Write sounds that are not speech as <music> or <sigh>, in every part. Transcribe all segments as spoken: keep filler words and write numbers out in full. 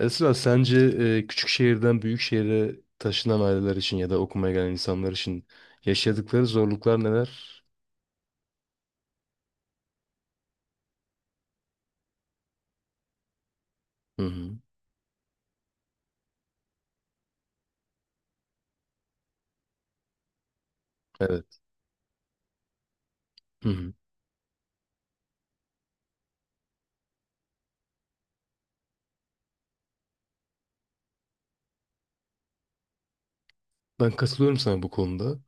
Esra, sence e, küçük şehirden büyük şehire taşınan aileler için ya da okumaya gelen insanlar için yaşadıkları zorluklar neler? Hı hı. Evet. Hı hı. Ben katılıyorum sana bu konuda.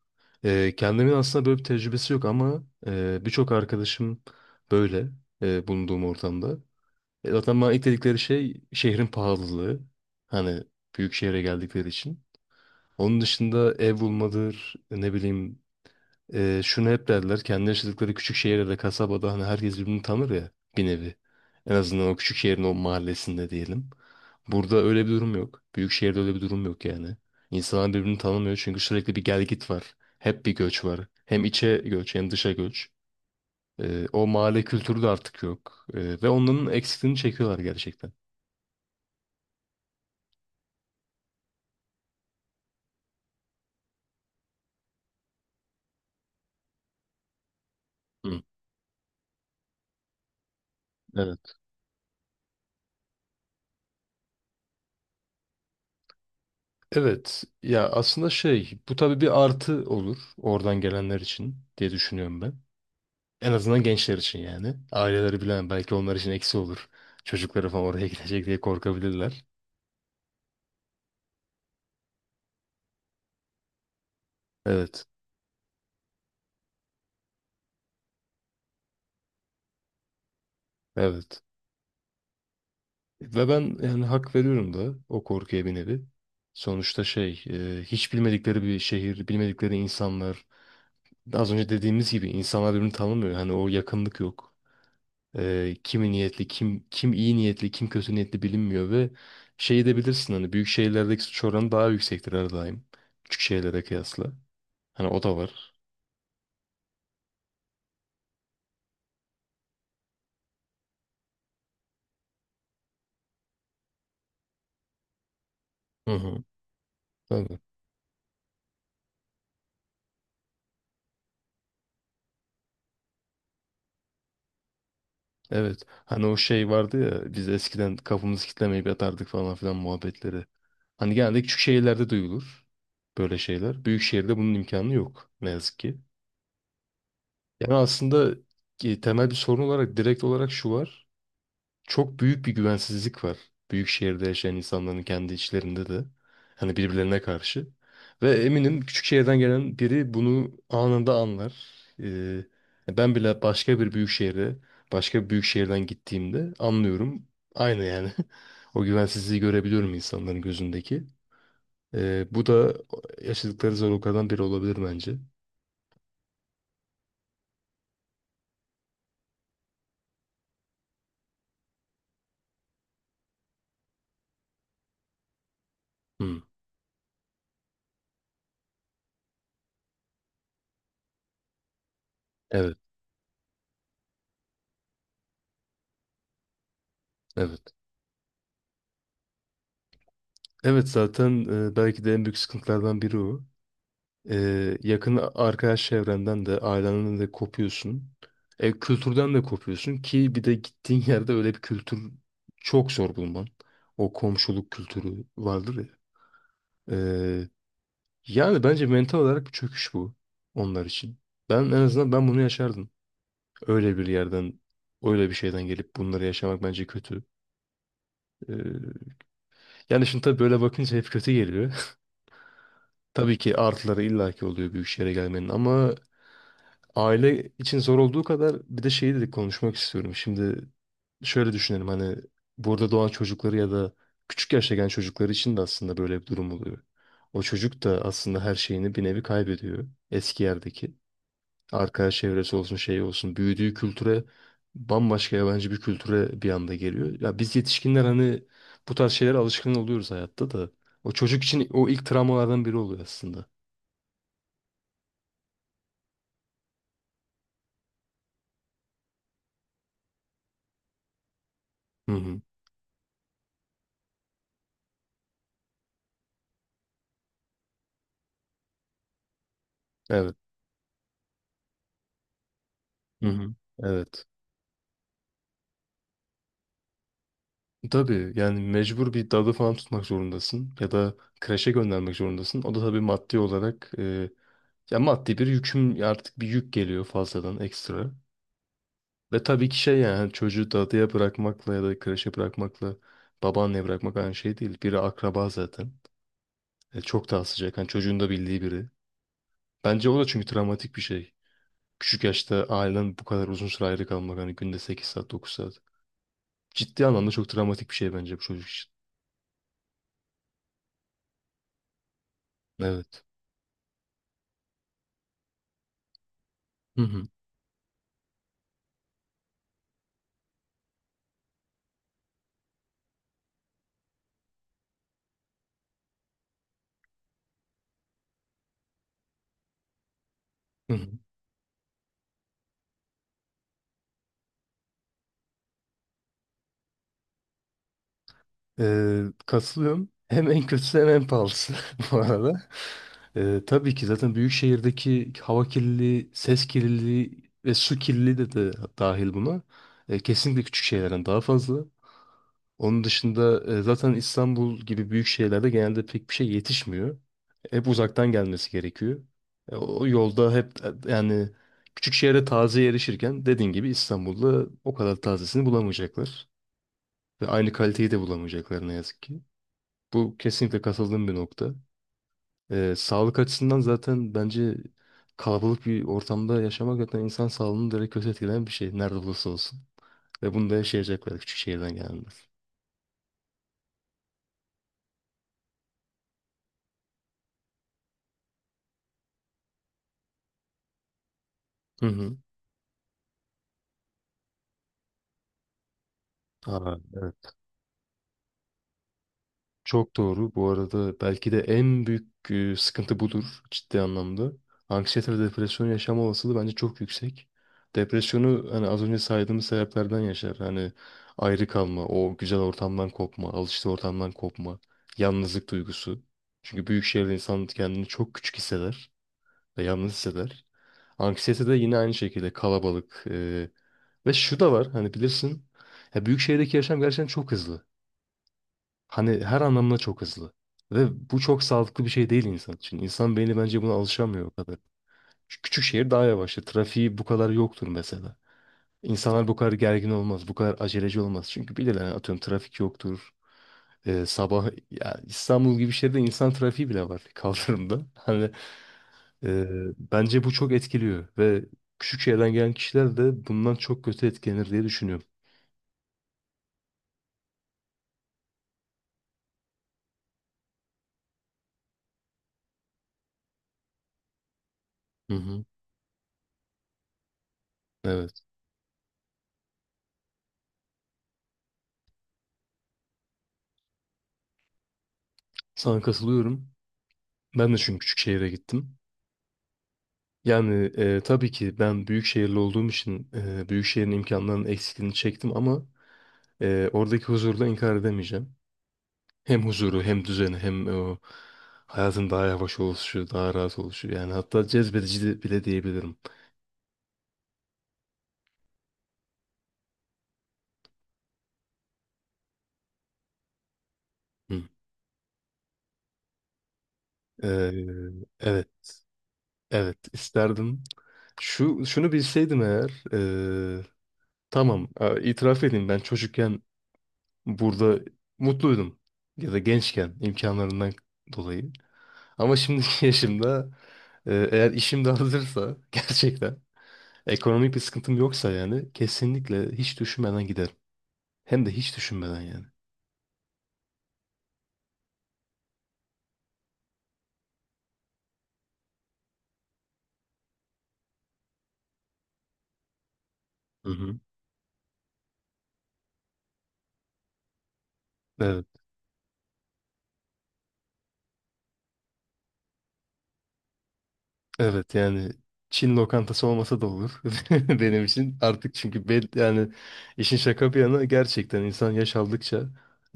E, kendimin aslında böyle bir tecrübesi yok ama e, birçok arkadaşım böyle e, bulunduğum ortamda. E, zaten bana ilk dedikleri şey şehrin pahalılığı. Hani büyük şehre geldikleri için. Onun dışında ev bulmadır, ne bileyim Ee, Şunu hep derler, kendi yaşadıkları küçük şehirde de kasabada hani herkes birbirini tanır ya, bir nevi. En azından o küçük şehrin o mahallesinde diyelim. Burada öyle bir durum yok. Büyük şehirde öyle bir durum yok yani. İnsanlar birbirini tanımıyor çünkü sürekli bir gel git var. Hep bir göç var. Hem içe göç hem dışa göç. Ee, o mahalle kültürü de artık yok. Ee, ve onların eksikliğini çekiyorlar gerçekten. Hı, evet. Evet. Ya aslında şey, bu tabii bir artı olur oradan gelenler için diye düşünüyorum ben. En azından gençler için yani. Aileleri bilen belki onlar için eksi olur. Çocukları falan oraya <laughs> gidecek diye korkabilirler. Evet, evet. Ve ben yani hak veriyorum da o korkuya bir nevi. Sonuçta şey, e, hiç bilmedikleri bir şehir, bilmedikleri insanlar. Az önce dediğimiz gibi insanlar birbirini tanımıyor. Hani o yakınlık yok. E, kimi niyetli, kim kim iyi niyetli, kim kötü niyetli bilinmiyor ve şeyi de bilirsin hani, büyük şehirlerdeki suç oranı daha yüksektir her daim. Küçük şehirlere kıyasla. Hani o da var. Hı hı. Tabii. Evet. Hani o şey vardı ya, biz eskiden kafamızı kitlemeyip yatardık falan filan muhabbetleri. Hani genelde küçük şehirlerde duyulur böyle şeyler. Büyük şehirde bunun imkanı yok ne yazık ki. Yani aslında e, temel bir sorun olarak direkt olarak şu var, çok büyük bir güvensizlik var. Büyük şehirde yaşayan insanların kendi içlerinde de. Hani birbirlerine karşı. Ve eminim küçük şehirden gelen biri bunu anında anlar. Ee, Ben bile başka bir büyük şehre, başka bir büyük şehirden gittiğimde anlıyorum. Aynı yani. <laughs> O güvensizliği görebiliyorum insanların gözündeki. Ee, bu da yaşadıkları zorluklardan biri olabilir bence. Hmm, evet, evet. Evet zaten e, belki de en büyük sıkıntılardan biri o. Ee, yakın arkadaş çevrenden de ailenden de kopuyorsun. E, kültürden de kopuyorsun ki, bir de gittiğin <laughs> yerde öyle bir kültür çok zor bulman. O komşuluk kültürü vardır ya. Ee, Yani bence mental olarak bir çöküş bu onlar için. Ben en azından ben bunu yaşardım. Öyle bir yerden, öyle bir şeyden gelip bunları yaşamak bence kötü. Ee, Yani şimdi tabii böyle bakınca hep kötü geliyor. <laughs> Tabii ki artıları illaki oluyor büyük şehre gelmenin ama aile için zor olduğu kadar bir de şeyi dedik, konuşmak istiyorum. Şimdi şöyle düşünelim, hani burada doğan çocukları ya da küçük yaşta gelen çocukları için de aslında böyle bir durum oluyor. O çocuk da aslında her şeyini bir nevi kaybediyor. Eski yerdeki arkadaş çevresi olsun, şey olsun, büyüdüğü kültüre, bambaşka yabancı bir kültüre bir anda geliyor. Ya biz yetişkinler hani bu tarz şeylere alışkın oluyoruz hayatta da. O çocuk için o ilk travmalardan biri oluyor aslında. Hı hı. Evet. Hı hı. Evet. Tabii yani mecbur bir dalı falan tutmak zorundasın ya da kreşe göndermek zorundasın. O da tabii maddi olarak e, ya maddi bir yüküm, artık bir yük geliyor fazladan ekstra. Ve tabii ki şey, yani hani çocuğu dadıya bırakmakla ya da kreşe bırakmakla babaanneye bırakmak aynı şey değil. Biri akraba zaten. E, çok daha sıcak. Yani çocuğun da bildiği biri. Bence o da çünkü travmatik bir şey. Küçük yaşta ailen bu kadar uzun süre ayrı kalmak, hani günde sekiz saat, dokuz saat. Ciddi anlamda çok travmatik bir şey bence bu çocuk için. Evet. Hı hı. Hı hı. Ee, katılıyorum. Hem en kötüsü hem en pahalısı <laughs> bu arada. Ee, tabii ki zaten büyük şehirdeki hava kirliliği, ses kirliliği ve su kirliliği de, de dahil buna. Ee, kesinlikle küçük şehirlerden daha fazla. Onun dışında e, zaten İstanbul gibi büyük şehirlerde genelde pek bir şey yetişmiyor. Hep uzaktan gelmesi gerekiyor. E, o yolda hep e, yani küçük şehre taze erişirken dediğin gibi İstanbul'da o kadar tazesini bulamayacaklar. Ve aynı kaliteyi de bulamayacaklar ne yazık ki. Bu kesinlikle katıldığım bir nokta. Ee, sağlık açısından zaten bence kalabalık bir ortamda yaşamak zaten insan sağlığını direkt kötü etkileyen bir şey. Nerede olursa olsun. Ve bunu da yaşayacaklar küçük şehirden gelenler. Hı hı. Aa, evet. Çok doğru. Bu arada belki de en büyük e, sıkıntı budur ciddi anlamda. Anksiyete ve depresyon yaşama olasılığı bence çok yüksek. Depresyonu hani az önce saydığımız sebeplerden yaşar. Hani ayrı kalma, o güzel ortamdan kopma, alıştığı ortamdan kopma, yalnızlık duygusu. Çünkü büyük şehirde insan kendini çok küçük hisseder ve yalnız hisseder. Anksiyete de yine aynı şekilde kalabalık. e, Ve şu da var, hani bilirsin. Ya büyük şehirdeki yaşam gerçekten çok hızlı. Hani her anlamda çok hızlı. Ve bu çok sağlıklı bir şey değil insan için. İnsan beyni bence buna alışamıyor o kadar. Şu küçük şehir daha yavaştır. Trafiği bu kadar yoktur mesela. İnsanlar bu kadar gergin olmaz, bu kadar aceleci olmaz. Çünkü bilirler yani, atıyorum trafik yoktur. Ee, sabah ya, İstanbul gibi şehirde insan trafiği bile var <laughs> kaldırımda. Hani e, Bence bu çok etkiliyor ve küçük şehirden gelen kişiler de bundan çok kötü etkilenir diye düşünüyorum. Hı hı. Evet. Sana katılıyorum. Ben de çünkü küçük şehire gittim. Yani e, tabii ki ben büyük şehirli olduğum için e, büyük şehrin imkanlarının eksikliğini çektim ama e, oradaki huzurla inkar edemeyeceğim. Hem huzuru hem düzeni hem o hayatın daha yavaş oluşu, daha rahat oluşu. Yani hatta cezbedici de- bile diyebilirim. Hı. E, evet, evet isterdim. Şu şunu bilseydim eğer, e, tamam e, itiraf edeyim, ben çocukken burada mutluydum ya da gençken imkanlarından dolayı. Ama şimdiki <laughs> yaşımda, e, eğer işim de hazırsa <laughs> gerçekten, ekonomik bir sıkıntım yoksa, yani kesinlikle hiç düşünmeden giderim. Hem de hiç düşünmeden yani. Hı hı. Evet, evet yani Çin lokantası olmasa da olur <laughs> benim için artık, çünkü ben yani işin şaka bir yana gerçekten insan yaş aldıkça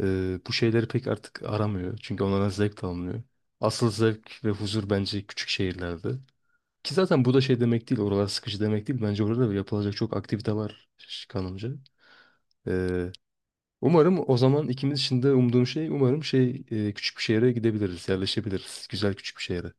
e, bu şeyleri pek artık aramıyor çünkü onlara zevk de alınıyor. Asıl zevk ve huzur bence küçük şehirlerde. Ki zaten bu da şey demek değil, oralar sıkıcı demek değil. Bence orada da yapılacak çok aktivite var ş- kanımca. Ee, Umarım o zaman ikimiz için de umduğum şey, umarım şey, e, küçük bir şehre gidebiliriz, yerleşebiliriz. Güzel küçük bir şehre.